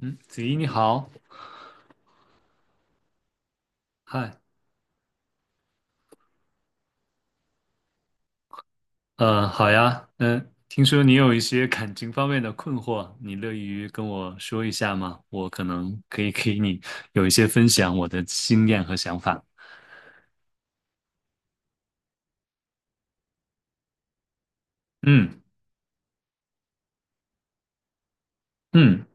嗯，子怡你好。嗨。嗯，好呀。嗯，听说你有一些感情方面的困惑，你乐于跟我说一下吗？我可能可以给你有一些分享我的经验和想法。嗯嗯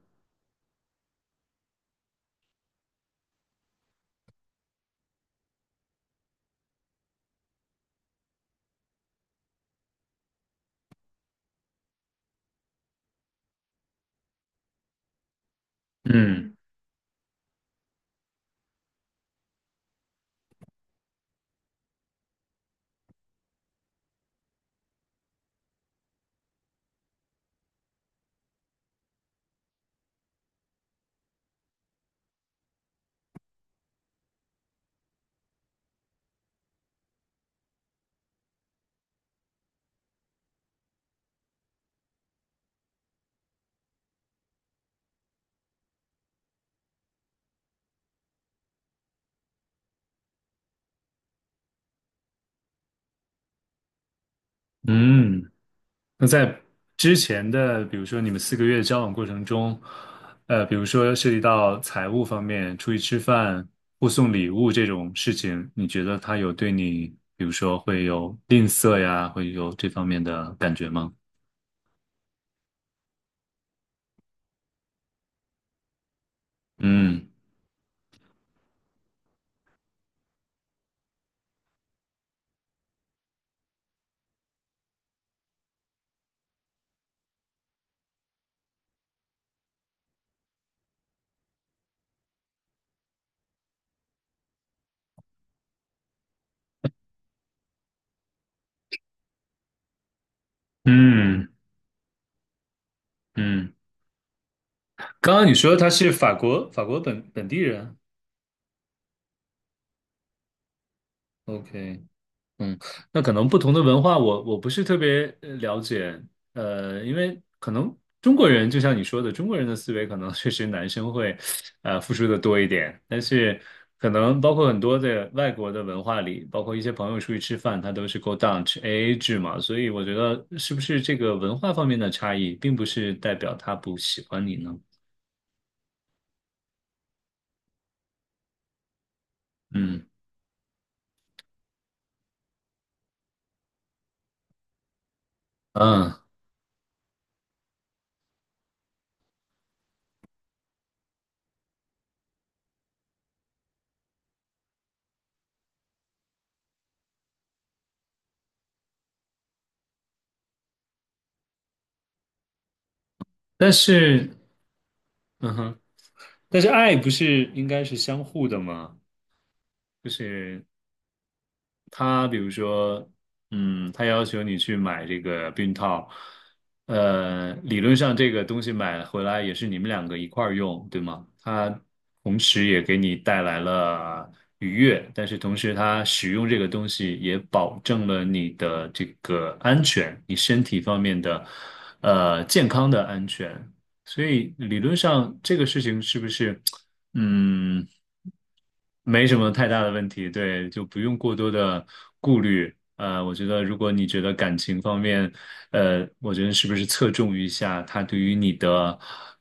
嗯嗯。那在之前的，比如说你们4个月的交往过程中，比如说涉及到财务方面，出去吃饭、互送礼物这种事情，你觉得他有对你，比如说会有吝啬呀，会有这方面的感觉吗？嗯嗯嗯。刚刚你说他是法国本地人，OK。嗯，那可能不同的文化我不是特别了解。因为可能中国人就像你说的，中国人的思维可能 确实男生会，付出的多一点，但是可能包括很多的外国的文化里，包括一些朋友出去吃饭，他都是 go down 吃 AA 制嘛，所以我觉得是不是这个文化方面的差异，并不是代表他不喜欢你呢？嗯嗯。但是嗯哼。但是爱不是应该是相互的吗？就是他比如说，他要求你去买这个避孕套，理论上这个东西买回来也是你们两个一块儿用，对吗？它同时也给你带来了愉悦，但是同时它使用这个东西也保证了你的这个安全，你身体方面的，健康的安全。所以理论上这个事情是不是，嗯，没什么太大的问题。对，就不用过多的顾虑。我觉得如果你觉得感情方面，我觉得是不是侧重一下他对于你的，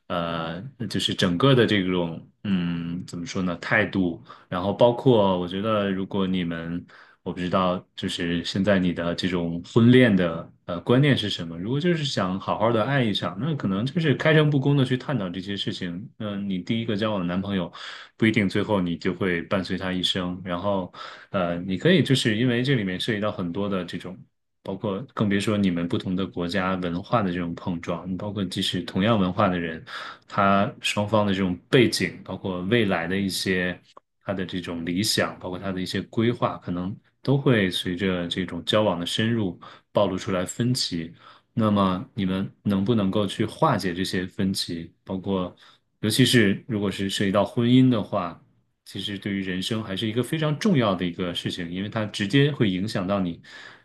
呃，就是整个的这种，怎么说呢，态度。然后包括我觉得，如果你们，我不知道，就是现在你的这种婚恋的观念是什么？如果就是想好好的爱一场，那可能就是开诚布公的去探讨这些事情。嗯、你第一个交往的男朋友不一定最后你就会伴随他一生。然后你可以就是因为这里面涉及到很多的这种。包括更别说你们不同的国家文化的这种碰撞，包括即使同样文化的人，他双方的这种背景，包括未来的一些他的这种理想，包括他的一些规划，可能都会随着这种交往的深入暴露出来分歧。那么你们能不能够去化解这些分歧？包括尤其是如果是涉及到婚姻的话。其实对于人生还是一个非常重要的一个事情，因为它直接会影响到你，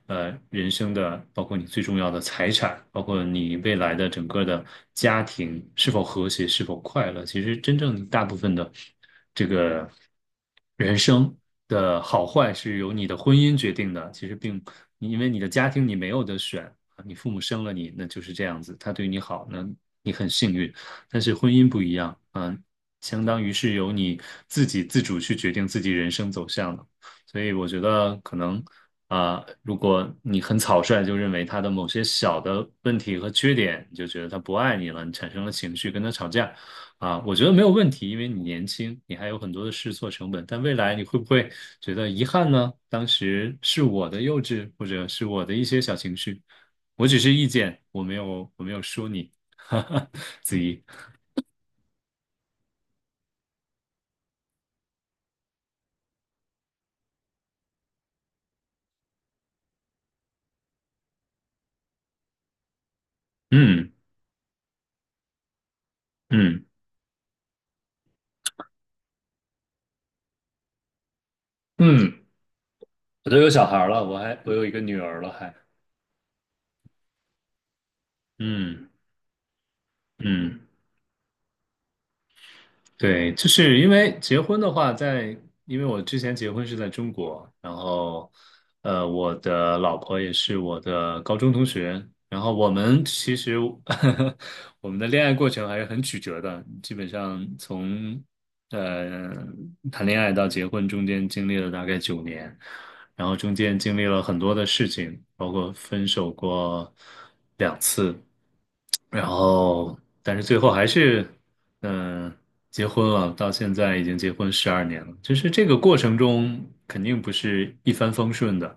人生的，包括你最重要的财产，包括你未来的整个的家庭是否和谐，是否快乐。其实真正大部分的这个。人生的好坏是由你的婚姻决定的，其实并你因为你的家庭你没有得选，你父母生了你，那就是这样子，他对你好，那你很幸运。但是婚姻不一样，相当于是由你自己自主去决定自己人生走向的。所以我觉得可能如果你很草率就认为他的某些小的问题和缺点，你就觉得他不爱你了，你产生了情绪跟他吵架，啊，我觉得没有问题，因为你年轻，你还有很多的试错成本。但未来你会不会觉得遗憾呢？当时是我的幼稚，或者是我的一些小情绪，我只是意见，我没有说你，哈哈，子怡。嗯嗯嗯，我都有小孩了，我还我有一个女儿了还。嗯嗯。对，就是因为结婚的话在，因为我之前结婚是在中国，然后我的老婆也是我的高中同学，然后我们其实 我们的恋爱过程还是很曲折的，基本上从呃谈恋爱到结婚中间经历了大概9年，然后中间经历了很多的事情，包括分手过2次。然后，但是最后还是，嗯、呃结婚了，到现在已经结婚12年了。就是这个过程中，肯定不是一帆风顺的，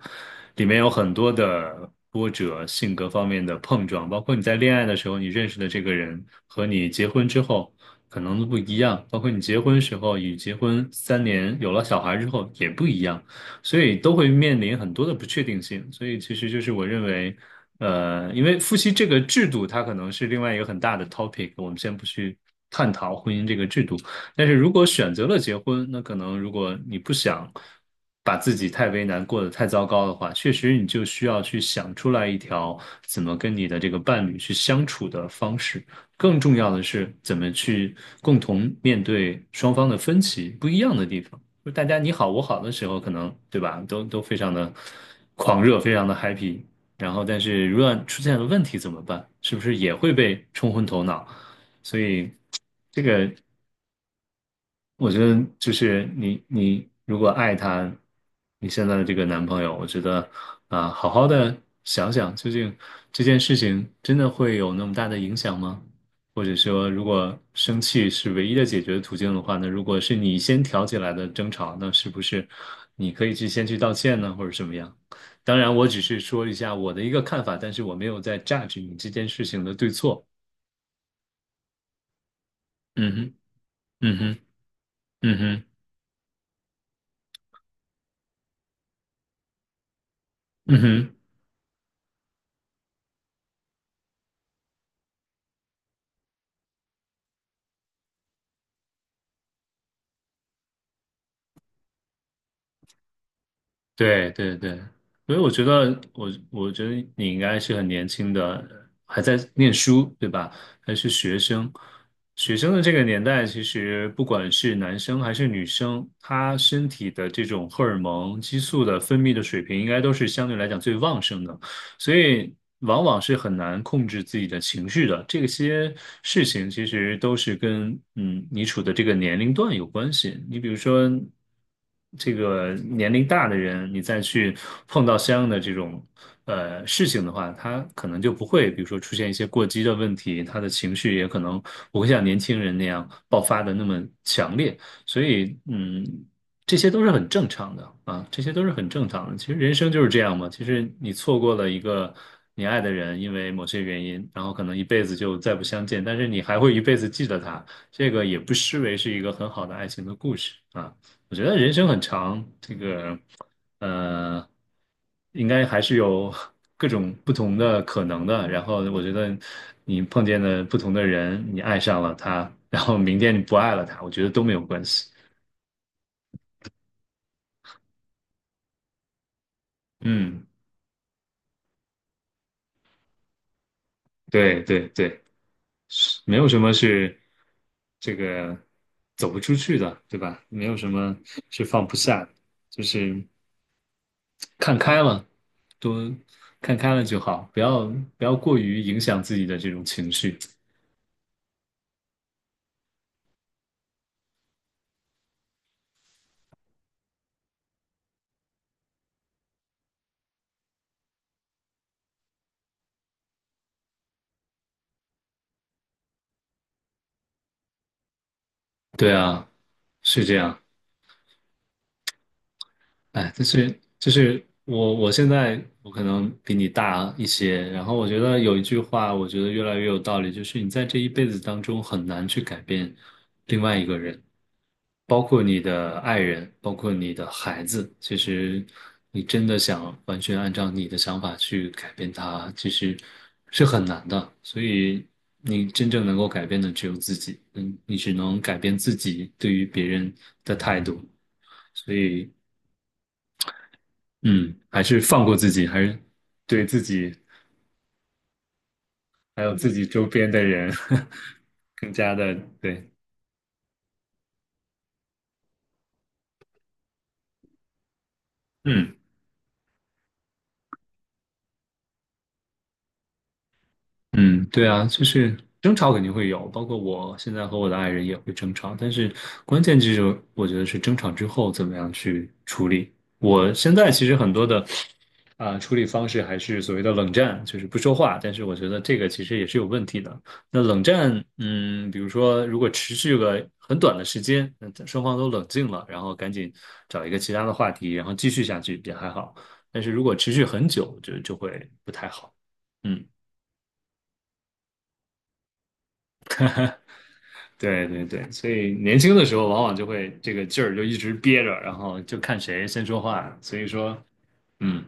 里面有很多的波折，性格方面的碰撞，包括你在恋爱的时候，你认识的这个人和你结婚之后可能都不一样，包括你结婚时候与结婚3年有了小孩之后也不一样。所以都会面临很多的不确定性。所以其实就是我认为，因为夫妻这个制度，它可能是另外一个很大的 topic，我们先不去探讨婚姻这个制度。但是如果选择了结婚，那可能如果你不想把自己太为难，过得太糟糕的话，确实你就需要去想出来一条怎么跟你的这个伴侣去相处的方式。更重要的是，怎么去共同面对双方的分歧、不一样的地方。就大家你好我好的时候，可能对吧，都非常的狂热，非常的 happy。然后，但是如果出现了问题怎么办？是不是也会被冲昏头脑？所以这个我觉得就是你如果爱他，你现在的这个男朋友，我觉得啊，好好的想想，究竟这件事情真的会有那么大的影响吗？或者说，如果生气是唯一的解决途径的话，那如果是你先挑起来的争吵，那是不是你可以去先去道歉呢，或者什么样？当然，我只是说一下我的一个看法，但是我没有在 judge 你这件事情的对错。嗯哼，嗯哼，嗯哼，嗯哼。对对对，所以我觉得你应该是很年轻的，还在念书，对吧？还是学生。学生的这个年代，其实不管是男生还是女生，他身体的这种荷尔蒙激素的分泌的水平，应该都是相对来讲最旺盛的。所以往往是很难控制自己的情绪的。这些事情其实都是跟你处的这个年龄段有关系。你比如说，这个年龄大的人，你再去碰到相应的这种事情的话，他可能就不会，比如说出现一些过激的问题，他的情绪也可能不会像年轻人那样爆发的那么强烈。所以，嗯。这些都是很正常的啊，这些都是很正常的。其实人生就是这样嘛。其实你错过了一个你爱的人，因为某些原因，然后可能一辈子就再不相见，但是你还会一辈子记得他，这个也不失为是一个很好的爱情的故事啊。我觉得人生很长，呃，应该还是有 各种不同的可能的。然后我觉得你碰见了不同的人，你爱上了他，然后明天你不爱了他，我觉得都没有关系。嗯。对对对，是没有什么是这个走不出去的，对吧？没有什么是放不下的，就是看开了，多看开了就好，不要过于影响自己的这种情绪。对啊，是这样。哎，就是我现在可能比你大一些，然后我觉得有一句话，我觉得越来越有道理，就是你在这一辈子当中很难去改变另外一个人，包括你的爱人，包括你的孩子。其实你真的想完全按照你的想法去改变他，其实是很难的。所以你真正能够改变的只有自己，你只能改变自己对于别人的态度。所以嗯，还是放过自己，还是对自己还有自己周边的人 更加的对。嗯。嗯，对啊，就是争吵肯定会有，包括我现在和我的爱人也会争吵，但是关键就是我觉得是争吵之后怎么样去处理。我现在其实很多的处理方式还是所谓的冷战，就是不说话，但是我觉得这个其实也是有问题的。那冷战，比如说如果持续个很短的时间，那双方都冷静了，然后赶紧找一个其他的话题，然后继续下去也还好，但是如果持续很久，就会不太好。嗯。对对对，所以年轻的时候往往就会这个劲儿就一直憋着，然后就看谁先说话。所以说，嗯，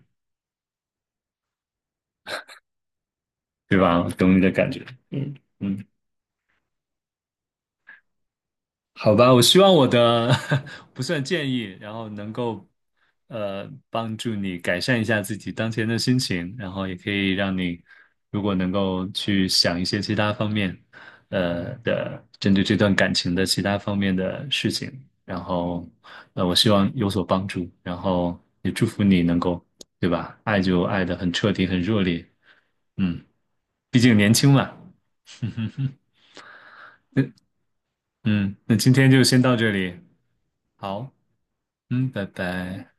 对吧？懂你的感觉。嗯嗯。好吧，我希望我的 不算建议，然后能够帮助你改善一下自己当前的心情，然后也可以让你如果能够去想一些其他方面，的针对这段感情的其他方面的事情，然后我希望有所帮助，然后也祝福你能够，对吧？爱就爱的很彻底，很热烈，嗯，毕竟年轻嘛，嗯哼哼。那嗯，那今天就先到这里。好，嗯，拜拜。